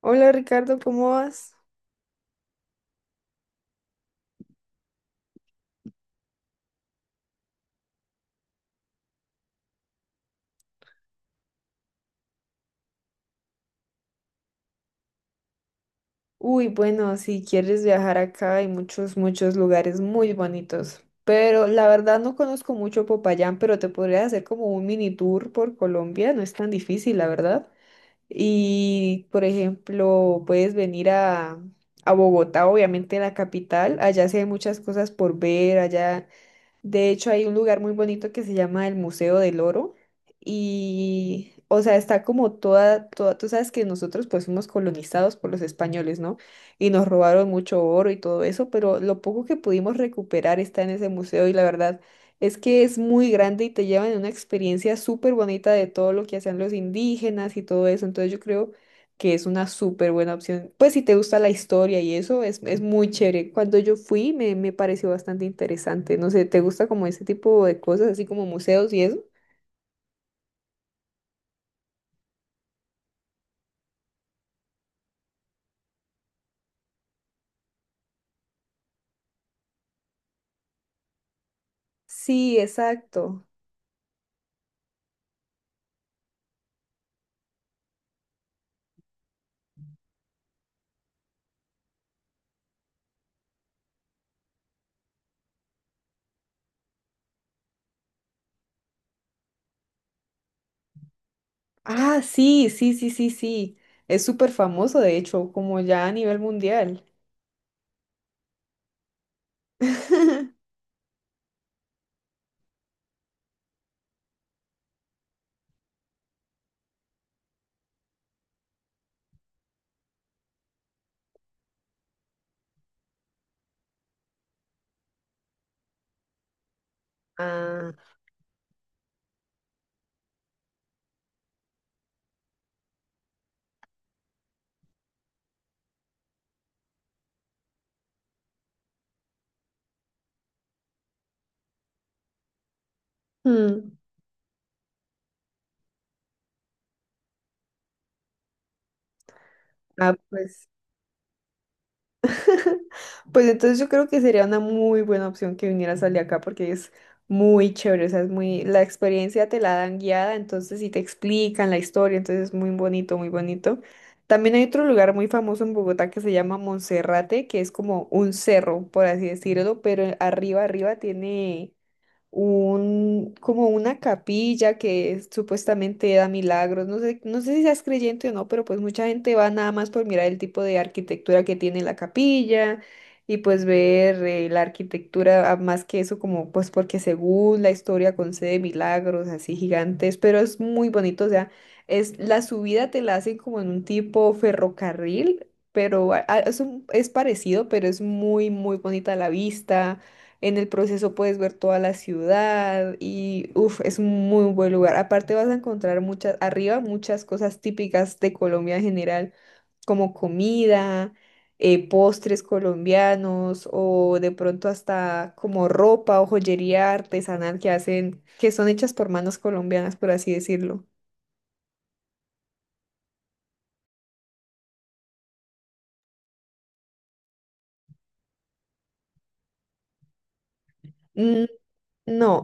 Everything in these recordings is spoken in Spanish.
Hola Ricardo, ¿cómo vas? Uy, bueno, si quieres viajar acá hay muchos lugares muy bonitos, pero la verdad no conozco mucho Popayán, pero te podría hacer como un mini tour por Colombia, no es tan difícil, la verdad. Y, por ejemplo, a Bogotá, obviamente la capital, allá sí hay muchas cosas por ver. Allá de hecho, hay un lugar muy bonito que se llama el Museo del Oro y, o sea, está como tú sabes que nosotros pues fuimos colonizados por los españoles, ¿no? Y nos robaron mucho oro y todo eso, pero lo poco que pudimos recuperar está en ese museo, y la verdad es que es muy grande y te llevan en una experiencia súper bonita de todo lo que hacían los indígenas y todo eso. Entonces yo creo que es una súper buena opción. Pues si te gusta la historia y eso, es muy chévere. Cuando yo fui me pareció bastante interesante. No sé, ¿te gusta como ese tipo de cosas, así como museos y eso? Sí, exacto. Ah, sí, sí, sí, sí, sí. Es súper famoso, de hecho, como ya a nivel mundial. Ah, mm. Ah, pues Pues entonces yo creo que sería una muy buena opción que vinieras al de acá, porque es muy chévere. O sea, es muy, la experiencia te la dan guiada, entonces sí te explican la historia, entonces es muy bonito, muy bonito. También hay otro lugar muy famoso en Bogotá que se llama Monserrate, que es como un cerro, por así decirlo, pero arriba tiene como una capilla que supuestamente da milagros. No sé, no sé si seas creyente o no, pero pues mucha gente va nada más por mirar el tipo de arquitectura que tiene la capilla y pues ver la arquitectura, ah, más que eso, como pues porque según la historia concede milagros así gigantes, pero es muy bonito. O sea, es la subida te la hacen como en un tipo ferrocarril. Pero es parecido, pero es muy, muy bonita la vista. En el proceso puedes ver toda la ciudad y uf, es un muy buen lugar. Aparte vas a encontrar muchas, arriba muchas cosas típicas de Colombia en general, como comida, postres colombianos o de pronto hasta como ropa o joyería artesanal que hacen, que son hechas por manos colombianas, por así decirlo. Mm, no,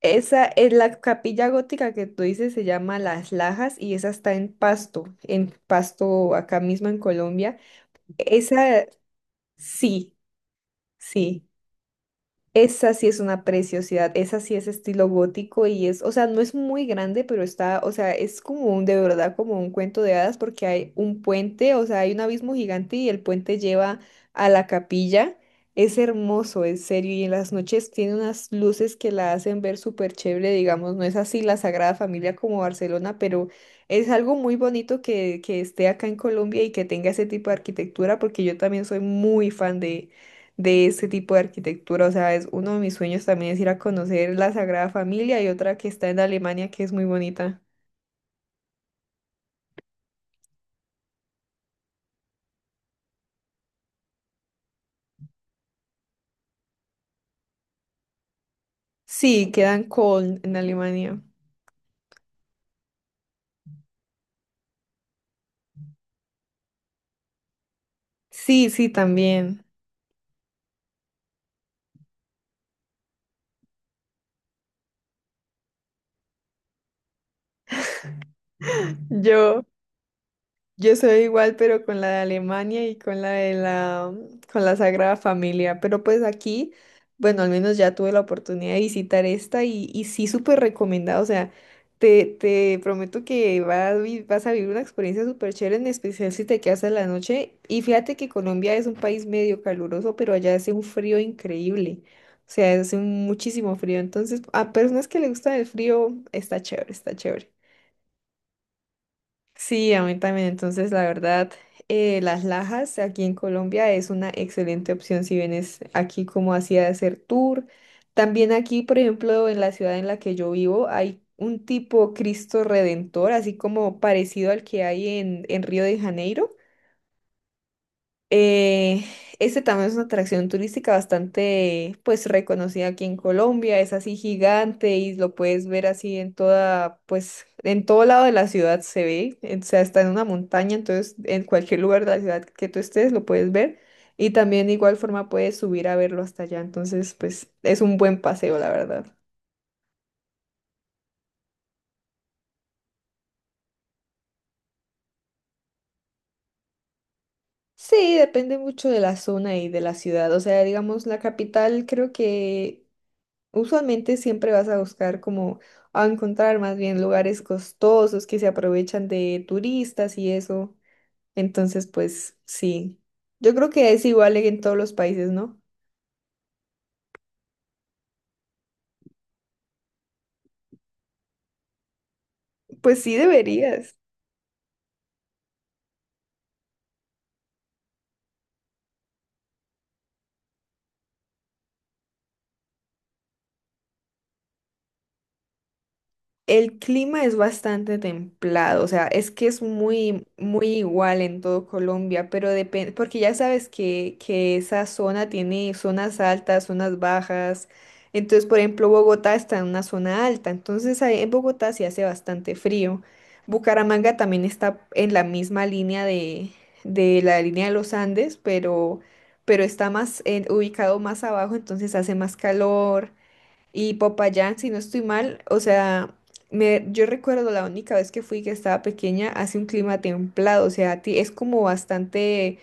esa es la capilla gótica que tú dices, se llama Las Lajas, y esa está en Pasto acá mismo en Colombia. Esa, sí, sí. Esa sí es una preciosidad, esa sí es estilo gótico y es, o sea, no es muy grande, pero está, o sea, es como un, de verdad, como un cuento de hadas, porque hay un puente, o sea, hay un abismo gigante y el puente lleva a la capilla. Es hermoso, en serio, y en las noches tiene unas luces que la hacen ver súper chévere, digamos, no es así la Sagrada Familia como Barcelona, pero es algo muy bonito que esté acá en Colombia y que tenga ese tipo de arquitectura, porque yo también soy muy fan de este tipo de arquitectura. O sea, es uno de mis sueños también es ir a conocer la Sagrada Familia y otra que está en Alemania que es muy bonita. Sí, queda en Köln, en Alemania. Sí, sí, también. Yo. Yo soy igual, pero con la de Alemania y con la de la, mm, con la Sagrada Familia. Pero pues aquí, bueno, al menos ya tuve la oportunidad de visitar esta y sí, súper recomendada. O sea, te prometo que vas a vivir una experiencia súper chévere, en especial si te quedas en la noche. Y fíjate que Colombia es un país medio caluroso, pero allá hace un frío increíble. O sea, hace muchísimo frío. Entonces, a personas que les gusta el frío, está chévere, está chévere. Sí, a mí también. Entonces, la verdad, las lajas aquí en Colombia es una excelente opción si vienes aquí como así a hacer tour. También aquí, por ejemplo, en la ciudad en la que yo vivo, hay un tipo Cristo Redentor, así como parecido al que hay en Río de Janeiro. Eh, este también es una atracción turística bastante, pues, reconocida aquí en Colombia. Es así gigante y lo puedes ver así en toda, pues, en todo lado de la ciudad se ve. O sea, está en una montaña, entonces en cualquier lugar de la ciudad que tú estés lo puedes ver. Y también de igual forma puedes subir a verlo hasta allá. Entonces, pues, es un buen paseo, la verdad. Sí, depende mucho de la zona y de la ciudad. O sea, digamos, la capital creo que usualmente siempre vas a buscar como a encontrar más bien lugares costosos que se aprovechan de turistas y eso. Entonces, pues sí, yo creo que es igual en todos los países, ¿no? Pues sí deberías. El clima es bastante templado, o sea, es que es muy, muy igual en todo Colombia, pero depende, porque ya sabes que esa zona tiene zonas altas, zonas bajas. Entonces, por ejemplo, Bogotá está en una zona alta, entonces ahí en Bogotá sí hace bastante frío. Bucaramanga también está en la misma línea de la línea de los Andes, pero está más, ubicado más abajo, entonces hace más calor. Y Popayán, si no estoy mal, o sea, me, yo recuerdo la única vez que fui que estaba pequeña, hace un clima templado, o sea, es como bastante,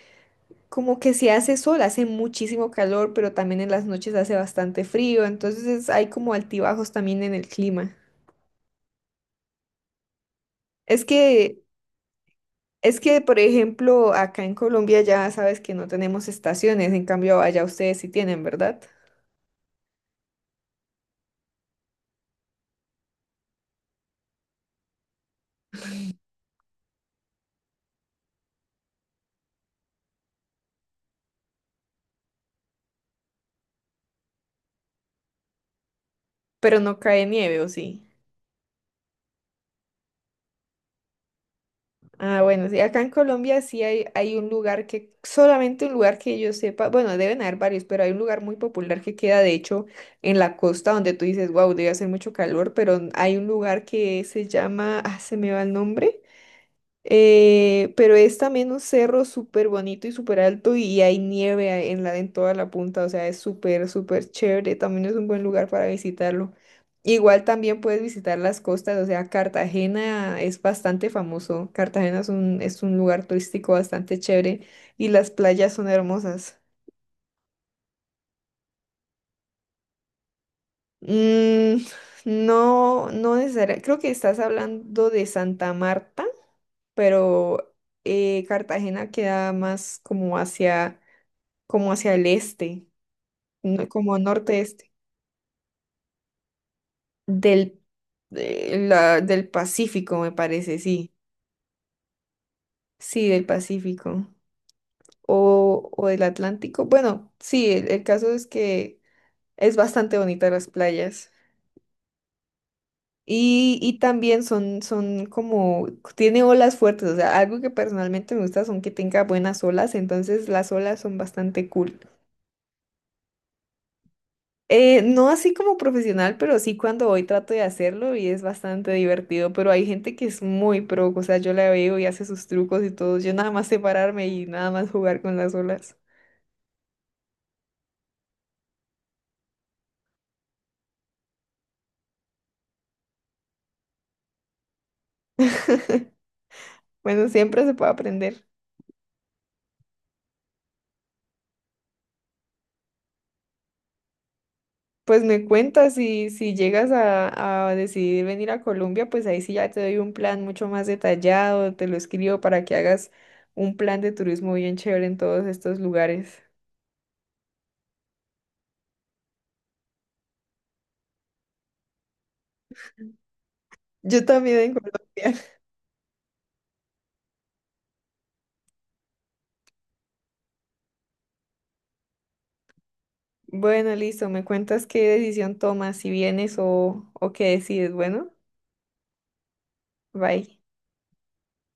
como que si hace sol, hace muchísimo calor, pero también en las noches hace bastante frío, entonces hay como altibajos también en el clima. Es que, por ejemplo, acá en Colombia ya sabes que no tenemos estaciones, en cambio allá ustedes sí tienen, ¿verdad? Pero no cae nieve, ¿o sí? Ah, bueno, sí, acá en Colombia sí hay un lugar que, solamente un lugar que yo sepa, bueno, deben haber varios, pero hay un lugar muy popular que queda, de hecho, en la costa donde tú dices, wow, debe hacer mucho calor, pero hay un lugar que se llama, ah, se me va el nombre. Pero es también un cerro súper bonito y súper alto y hay nieve en la, en toda la punta, o sea, es súper, súper chévere, también es un buen lugar para visitarlo. Igual también puedes visitar las costas, o sea, Cartagena es bastante famoso, Cartagena es un lugar turístico bastante chévere y las playas son hermosas. Mm, no, no necesariamente, creo que estás hablando de Santa Marta, pero Cartagena queda más como hacia el este, como norte-este, del, del Pacífico, me parece, sí, sí, del Pacífico o del Atlántico. Bueno, sí, el caso es que es bastante bonita las playas. Y también son, son como, tiene olas fuertes, o sea, algo que personalmente me gusta son que tenga buenas olas, entonces las olas son bastante cool. No así como profesional, pero sí cuando voy trato de hacerlo y es bastante divertido, pero hay gente que es muy pro, o sea, yo la veo y hace sus trucos y todo, yo nada más sé pararme y nada más jugar con las olas. Bueno, siempre se puede aprender. Pues me cuentas si, si llegas a decidir venir a Colombia, pues ahí sí ya te doy un plan mucho más detallado, te lo escribo para que hagas un plan de turismo bien chévere en todos estos lugares. Yo también en Colombia. Bueno, listo, me cuentas qué decisión tomas, si vienes o qué decides. Bueno, bye.